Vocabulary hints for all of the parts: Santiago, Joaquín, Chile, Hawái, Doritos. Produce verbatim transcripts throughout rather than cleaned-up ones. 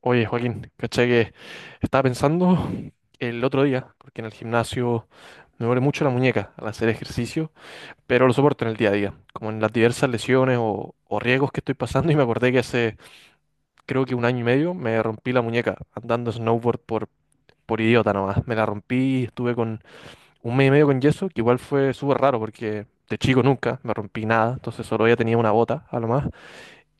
Oye, Joaquín, caché que estaba pensando el otro día, porque en el gimnasio me duele mucho la muñeca al hacer ejercicio, pero lo soporto en el día a día, como en las diversas lesiones o, o riesgos que estoy pasando, y me acordé que hace creo que un año y medio me rompí la muñeca andando snowboard por, por idiota nomás. Me la rompí, estuve con un mes y medio con yeso, que igual fue súper raro porque de chico nunca me rompí nada, entonces solo ya tenía una bota a lo más.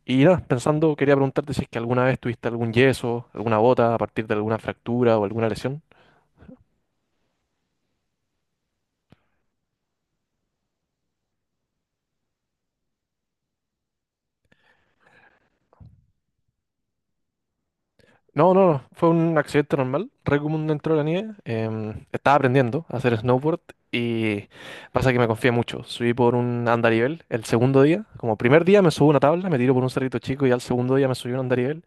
Y nada, pensando, quería preguntarte si es que alguna vez tuviste algún yeso, alguna bota a partir de alguna fractura o alguna lesión. No, no, no, fue un accidente normal, re común dentro de la nieve. Em, estaba aprendiendo a hacer snowboard y pasa que me confié mucho. Subí por un andarivel el segundo día. Como primer día me subí una tabla, me tiré por un cerrito chico y al segundo día me subí un andarivel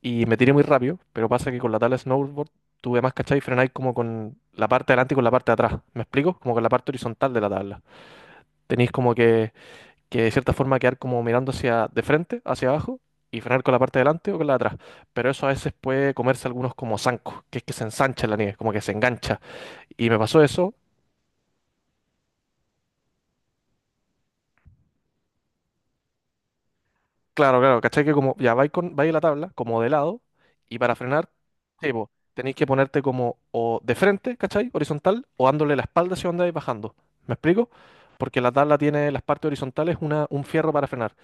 y me tiré muy rápido, pero pasa que con la tabla de snowboard tuve más cachai y frenáis como con la parte de adelante y con la parte de atrás. ¿Me explico? Como con la parte horizontal de la tabla. Tenéis como que que de cierta forma quedar como mirando hacia de frente, hacia abajo, y frenar con la parte de delante o con la de atrás. Pero eso a veces puede comerse algunos como zancos, que es que se ensancha la nieve, como que se engancha. Y me pasó eso, claro, claro, ¿cachai? Que como ya vais con, vais la tabla, como de lado, y para frenar, sí, po, tenéis que ponerte como o de frente, ¿cachai? Horizontal, o dándole la espalda hacia donde vais bajando. ¿Me explico? Porque la tabla tiene las partes horizontales una, un fierro para frenar.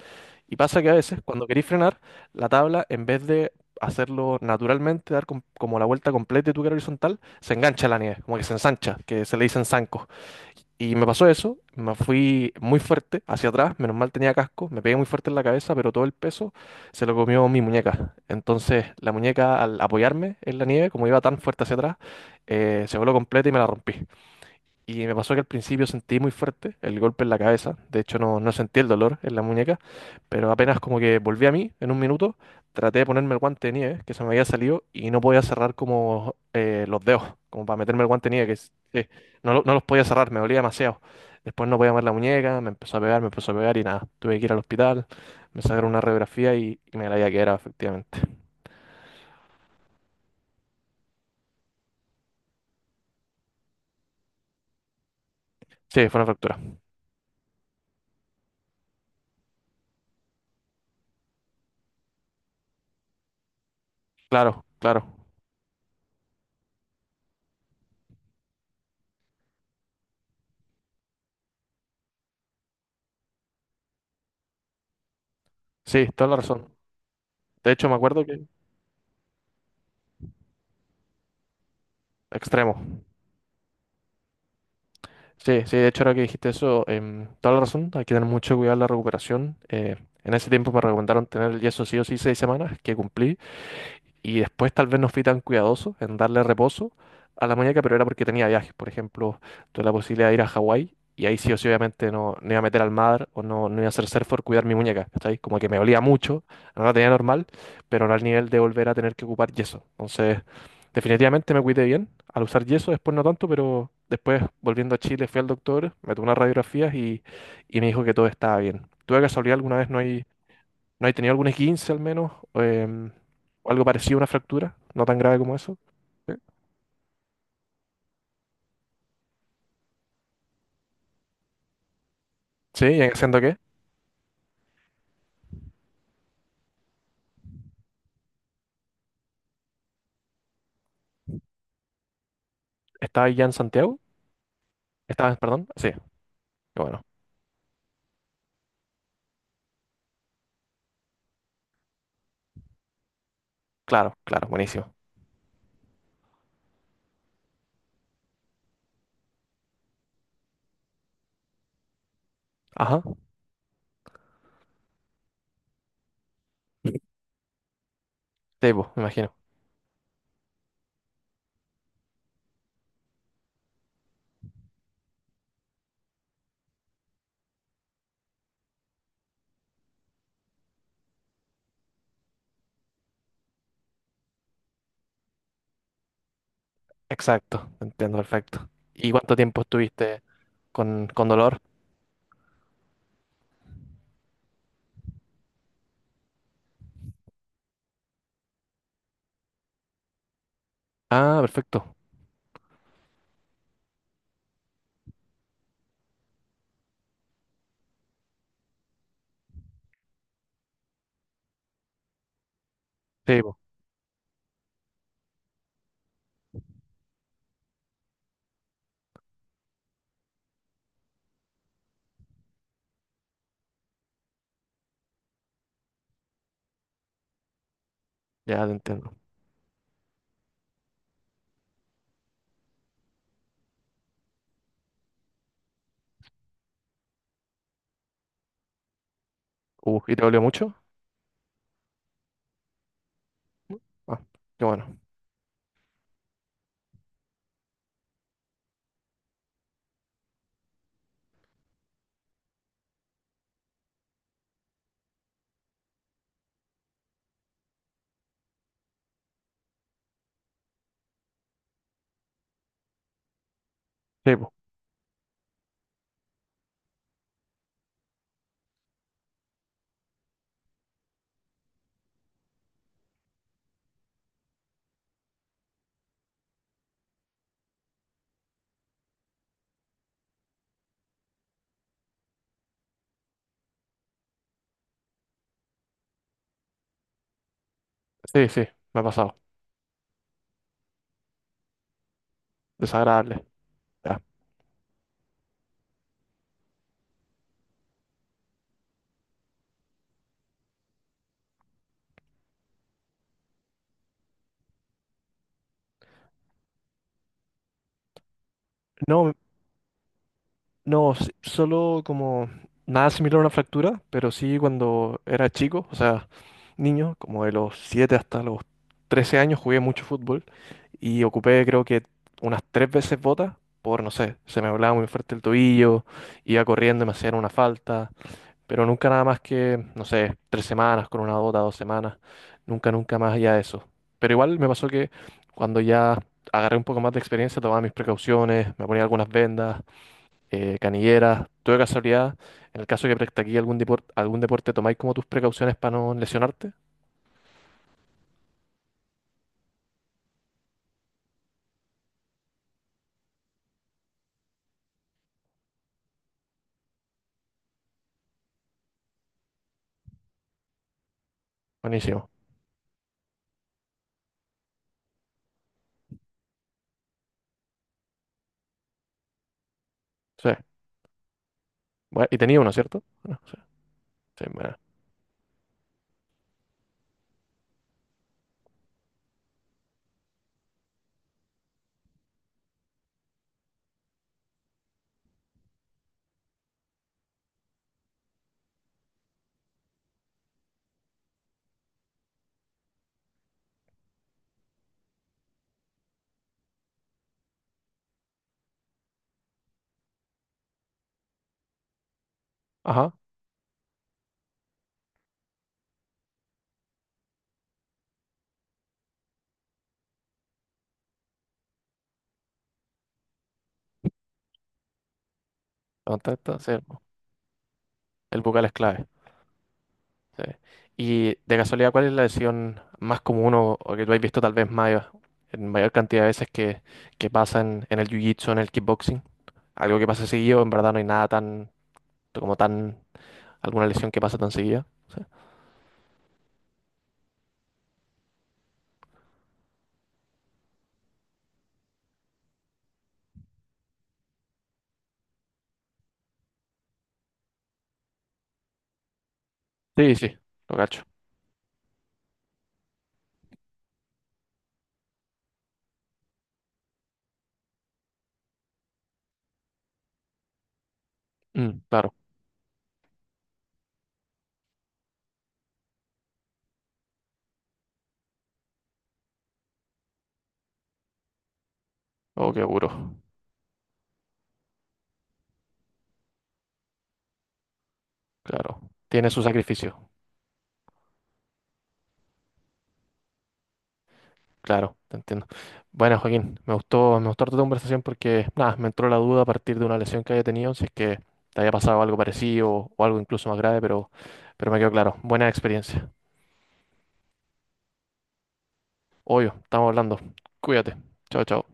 Y pasa que a veces cuando queréis frenar, la tabla, en vez de hacerlo naturalmente, dar com- como la vuelta completa de tu cara horizontal, se engancha a la nieve, como que se ensancha, que se le dicen zancos. Y me pasó eso, me fui muy fuerte hacia atrás, menos mal tenía casco, me pegué muy fuerte en la cabeza, pero todo el peso se lo comió mi muñeca. Entonces la muñeca al apoyarme en la nieve, como iba tan fuerte hacia atrás, eh, se voló completa y me la rompí. Y me pasó que al principio sentí muy fuerte el golpe en la cabeza. De hecho, no, no sentí el dolor en la muñeca. Pero apenas como que volví a mí en un minuto, traté de ponerme el guante de nieve que se me había salido y no podía cerrar como eh, los dedos, como para meterme el guante de nieve, que es- eh, no, lo- no los podía cerrar, me dolía demasiado. Después no podía mover la muñeca, me empezó a pegar, me empezó a pegar y nada. Tuve que ir al hospital, me sacaron una radiografía y, y me la había quedado, efectivamente. Sí, fue una fractura. Claro, claro. Sí, toda la razón. De hecho, me acuerdo que extremo. Sí, sí, de hecho ahora que dijiste eso, em, toda la razón, hay que tener mucho cuidado en la recuperación. Eh, en ese tiempo me recomendaron tener el yeso sí o sí seis semanas, que cumplí. Y después tal vez no fui tan cuidadoso en darle reposo a la muñeca, pero era porque tenía viajes. Por ejemplo, tuve la posibilidad de ir a Hawái y ahí sí o sí obviamente no, no iba a meter al mar o no, no iba a hacer surf por cuidar mi muñeca, ¿cachai? Como que me olía mucho, no la tenía normal, pero no al nivel de volver a tener que ocupar yeso. Entonces, definitivamente me cuidé bien al usar yeso, después no tanto, pero después volviendo a Chile fui al doctor, me tomó unas radiografías y, y me dijo que todo estaba bien. ¿Tú de casualidad alguna vez no hay, ¿no hay tenido algún esguince al menos? em, ¿O algo parecido a una fractura? ¿No tan grave como eso? ¿Sí? ¿Sí? ¿Y haciendo qué? ¿Estabas ya en Santiago? ¿Estabas, perdón? Sí, qué bueno. Claro, claro, buenísimo. Ajá. Tebo, me imagino. Exacto, te entiendo perfecto. ¿Y cuánto tiempo estuviste con, con dolor? Ah, perfecto. Tebo, ya te entiendo. Uh, ¿y te dolió mucho? Ah, qué bueno. Tebo, sí, sí, me ha pasado. Desagradable. Ya. No, no, s- solo como nada similar a una fractura, pero sí cuando era chico, o sea, niño, como de los siete hasta los trece años jugué mucho fútbol y ocupé creo que unas tres veces botas por, no sé, se me doblaba muy fuerte el tobillo, iba corriendo y me hacían una falta, pero nunca nada más que, no sé, tres semanas con una bota, dos semanas, nunca, nunca más allá de eso. Pero igual me pasó que cuando ya agarré un poco más de experiencia, tomaba mis precauciones, me ponía algunas vendas eh, canilleras. ¿Tú de casualidad, en el caso que practiqué algún deporte, algún deporte, tomáis como tus precauciones para no lesionarte? Buenísimo. Sí. Bue- y tenía uno, ¿cierto? Bueno, sí, sí, bueno. Ajá, aguanta esta, sí, el bucal es clave. Sí. Y de casualidad, ¿cuál es la lesión más común o, o que tú has visto tal vez mayor, en mayor cantidad de veces que, que pasa en, en el jiu-jitsu, en el kickboxing? Algo que pasa seguido, en verdad no hay nada tan, como tan, alguna lesión que pasa tan seguida. Sí, sí, sí, lo cacho. Mm, claro, oh, qué duro. Claro, tiene su sacrificio, claro, te entiendo. Bueno, Joaquín, me gustó, me gustó harto tu conversación porque, nada, me entró la duda a partir de una lesión que haya tenido, si es que te había pasado algo parecido o algo incluso más grave, pero, pero me quedó claro. Buena experiencia. Obvio, estamos hablando. Cuídate. Chao, chao.